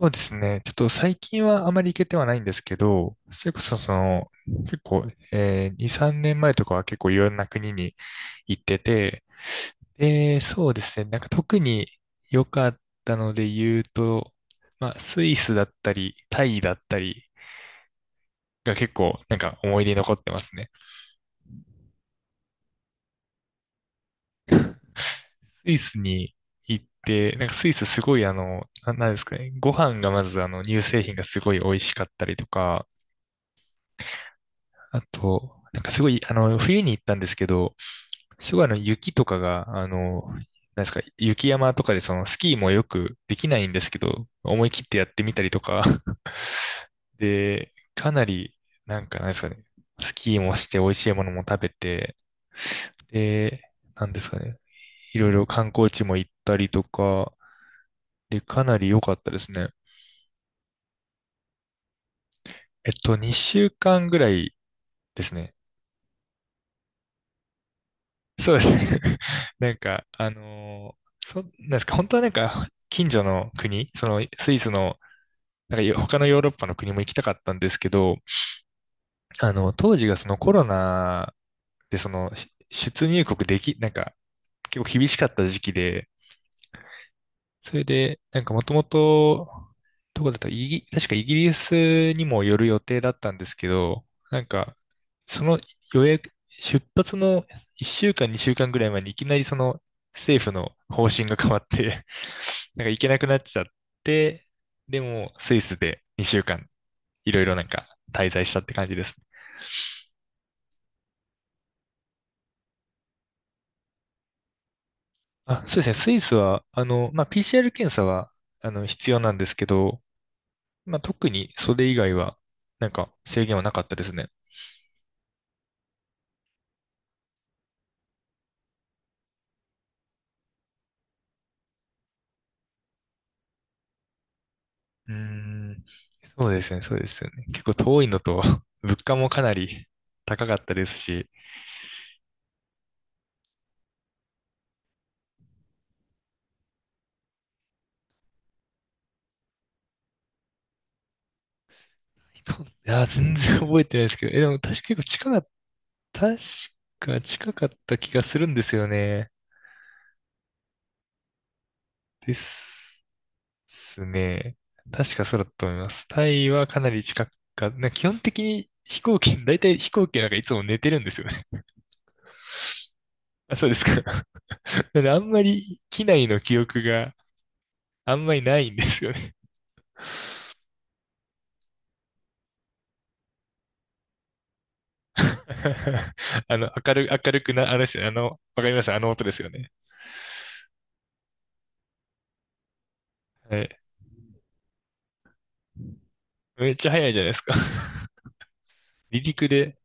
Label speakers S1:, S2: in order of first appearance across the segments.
S1: そうですね。ちょっと最近はあまり行けてはないんですけど、それこそ結構、2、3年前とかは結構いろんな国に行ってて、で、そうですね。なんか特に良かったので言うと、まあ、スイスだったり、タイだったりが結構なんか思い出に残ってますね。スイスに行って、なんかスイスすごいなんですかね。ご飯がまず乳製品がすごい美味しかったりとか、あと、なんかすごい、冬に行ったんですけど、すごい雪とかが、なんですか、雪山とかでそのスキーもよくできないんですけど、思い切ってやってみたりとか。 で、かなり、なんかなんですかね、スキーもして美味しいものも食べて、で、なんですかね、いろいろ観光地も行ったりとか、で、かなり良かったですね。えっと、2週間ぐらいですね。そうですね。なんか、あのーそ、なんですか、本当はなんか、近所の国、そのスイスのなんか 他のヨーロッパの国も行きたかったんですけど、あの、当時がそのコロナでそのし出入国でき、なんか結構厳しかった時期で、それで、なんかもともと、どこだったイギ、確かイギリスにも寄る予定だったんですけど、なんか、その予約、出発の1週間、2週間ぐらい前にいきなりその政府の方針が変わって、なんか行けなくなっちゃって、でもスイスで2週間いろいろなんか滞在したって感じです。あ、そうですね。スイスは、あの、まあ、PCR 検査は、あの、必要なんですけど、まあ、特にそれ以外は、なんか制限はなかったですね。うーん。そうですね、そうですよね。結構遠いのと、物価もかなり高かったですし、そういや、全然覚えてないですけど、え、でも確か近かった気がするんですよね。です。すね。確かそうだと思います。タイはかなり近くか、なんか基本的に飛行機、大体飛行機なんかいつも寝てるんですよね。あ、そうですか。なんであんまり機内の記憶があんまりないんですよね。明るくな、あれですよね。あの、わかりますあの音ですよね。はい。めっちゃ早いじゃないですか。離陸で。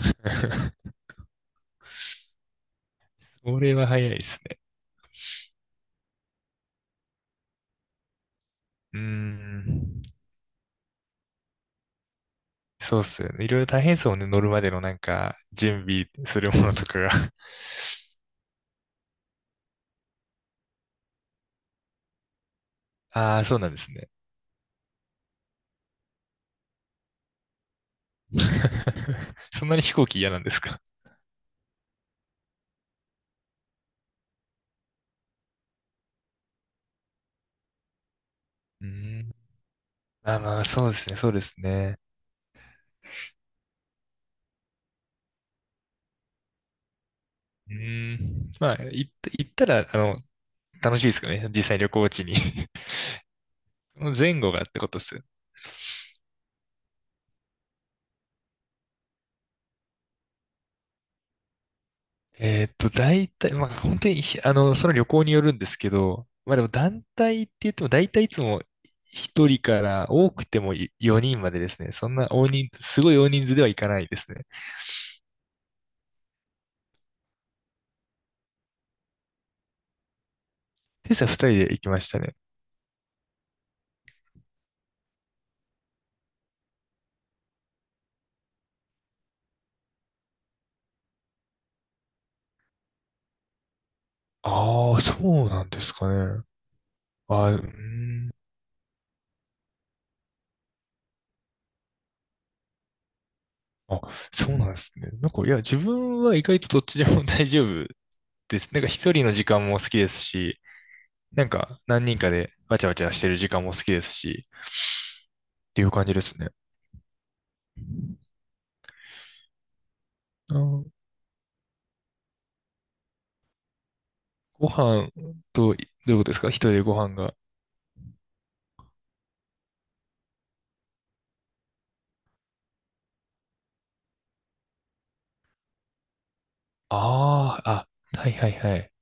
S1: それは早いですね。うーん。そうっすよね。いろいろ大変そうね。乗るまでのなんか、準備するものとかが。ああ、そうなんですね。そんなに飛行機嫌なんですか？うーん。まあまあ、そうですね、そうですね。うーん。まあ、行ったら、あの、楽しいですかね、実際旅行地に。 その前後がってことです？えーっと、大体、まあ、本当に、あの、その旅行によるんですけど、まあでも団体って言っても、大体いつも1人から多くても4人までですね。そんな大人、すごい大人数では行かないですね。今朝2人で行きましたね。ああ、そうなんですかね。あー、うーん。あ、そうなんですね。なんか、いや、自分は意外とどっちでも 大丈夫です。なんか一人の時間も好きですし、なんか何人かでわちゃわちゃしてる時間も好きですし、っていう感じですね。あー、ご飯と、どういうことですか一人でご飯が。ああ、あ、はいはいはい。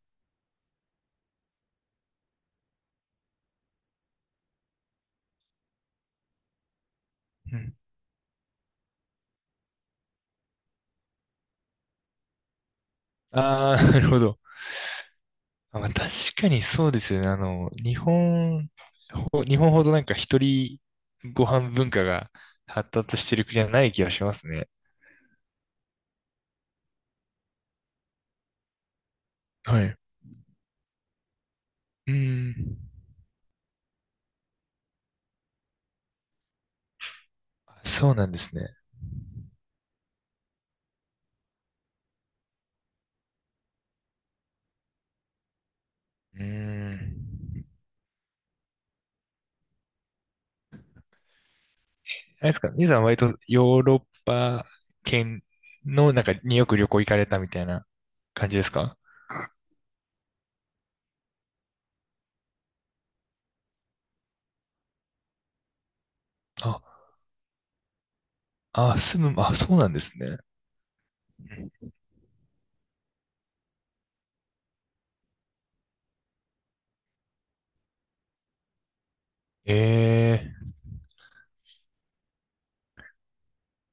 S1: うん。ああ、なるほど。あ、まあ、確かにそうですよね。あの、日本ほどなんか一人ご飯文化が発達してる国はない気がしますね。はい。うん。そうなんですね。うーん。あれですか、兄さんは割とヨーロッパ圏の中によく旅行行かれたみたいな感じですか？あ、あ、そうなんですね。うえー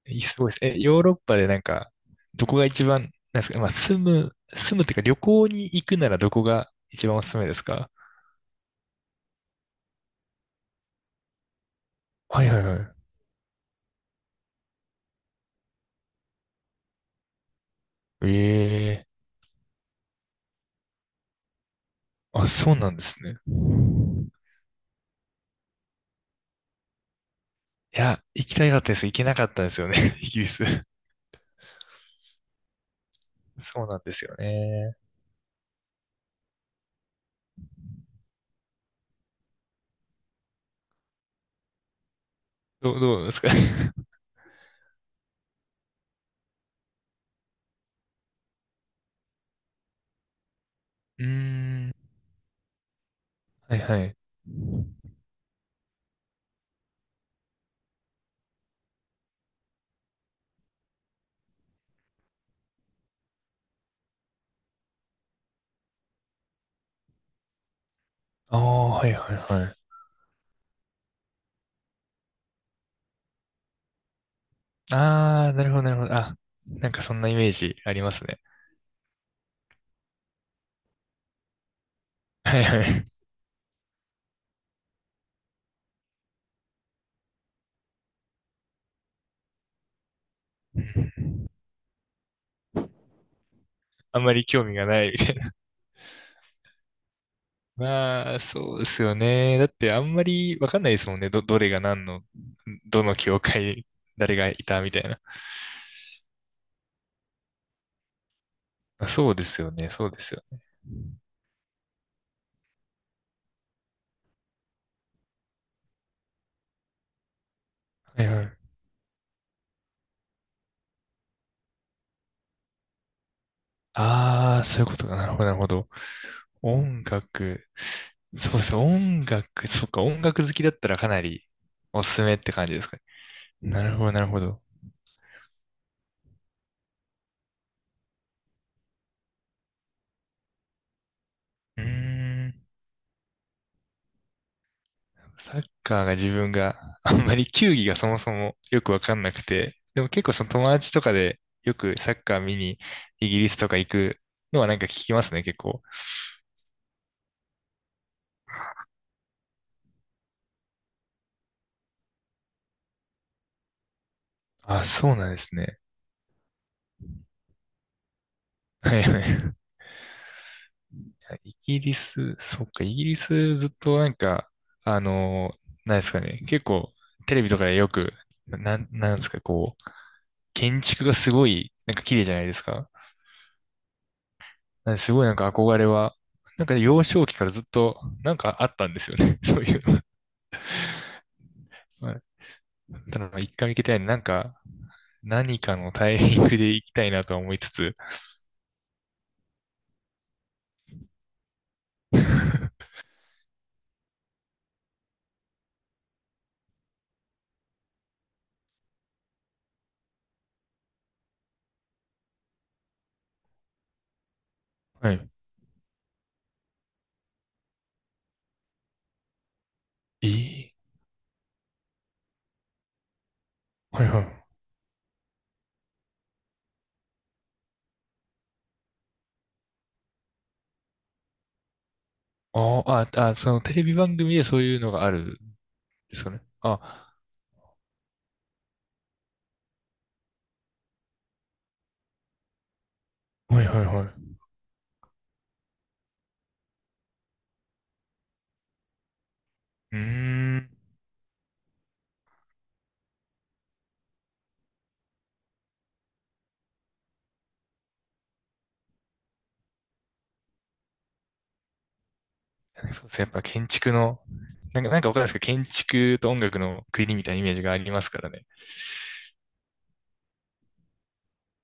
S1: いいすごいです。え、ヨーロッパでなんか、どこが一番、なんですか、まあ、住むっていうか旅行に行くならどこが一番おすすめですか？はいはいはい。ええー、あ、そうなんですね。いや、行きたかったです。行けなかったんですよね、イギリス。そうなんですよね。どう、どうですか？ うーん。はいはい。ああ、はいはいはい。ああ、なるほどなるほど。あ、なんかそんなイメージありますね。はいはい。うん。あんまり興味がないみたいな。まあ、そうですよね。だってあんまりわかんないですもんね。ど、どれが何の、どの教会、誰がいたみたいな。まあそうですよね。そうですよ。はいはい。ああ、そういうことか。なるほどなるほど。音楽。そうですね。音楽。そっか。音楽好きだったらかなりおすすめって感じですかね。なるほど、なるほど。うーん。サッカーが自分があんまり球技がそもそもよくわかんなくて、でも結構その友達とかでよくサッカー見にイギリスとか行くのはなんか聞きますね、結構。あ、そうなんですね。はいはい。イギリス、そっか、イギリスずっとなんか、あの、なんですかね、結構テレビとかでよく、なんなんですか、こう、建築がすごい、なんか綺麗じゃないですか。なんですごいなんか憧れは、なんか幼少期からずっとなんかあったんですよね、そういうの。まあただ、一回行きたいななんか、何かのタイミングで行きたいなとは思いつつ。はい。えーはいはい。あーあ、あ、そのテレビ番組でそういうのがあるんですかね。あ、はいはいはい。うーん。そうですね。やっぱ建築の、なんか、なんかわかんないですけど、建築と音楽の国みたいなイメージがありますからね。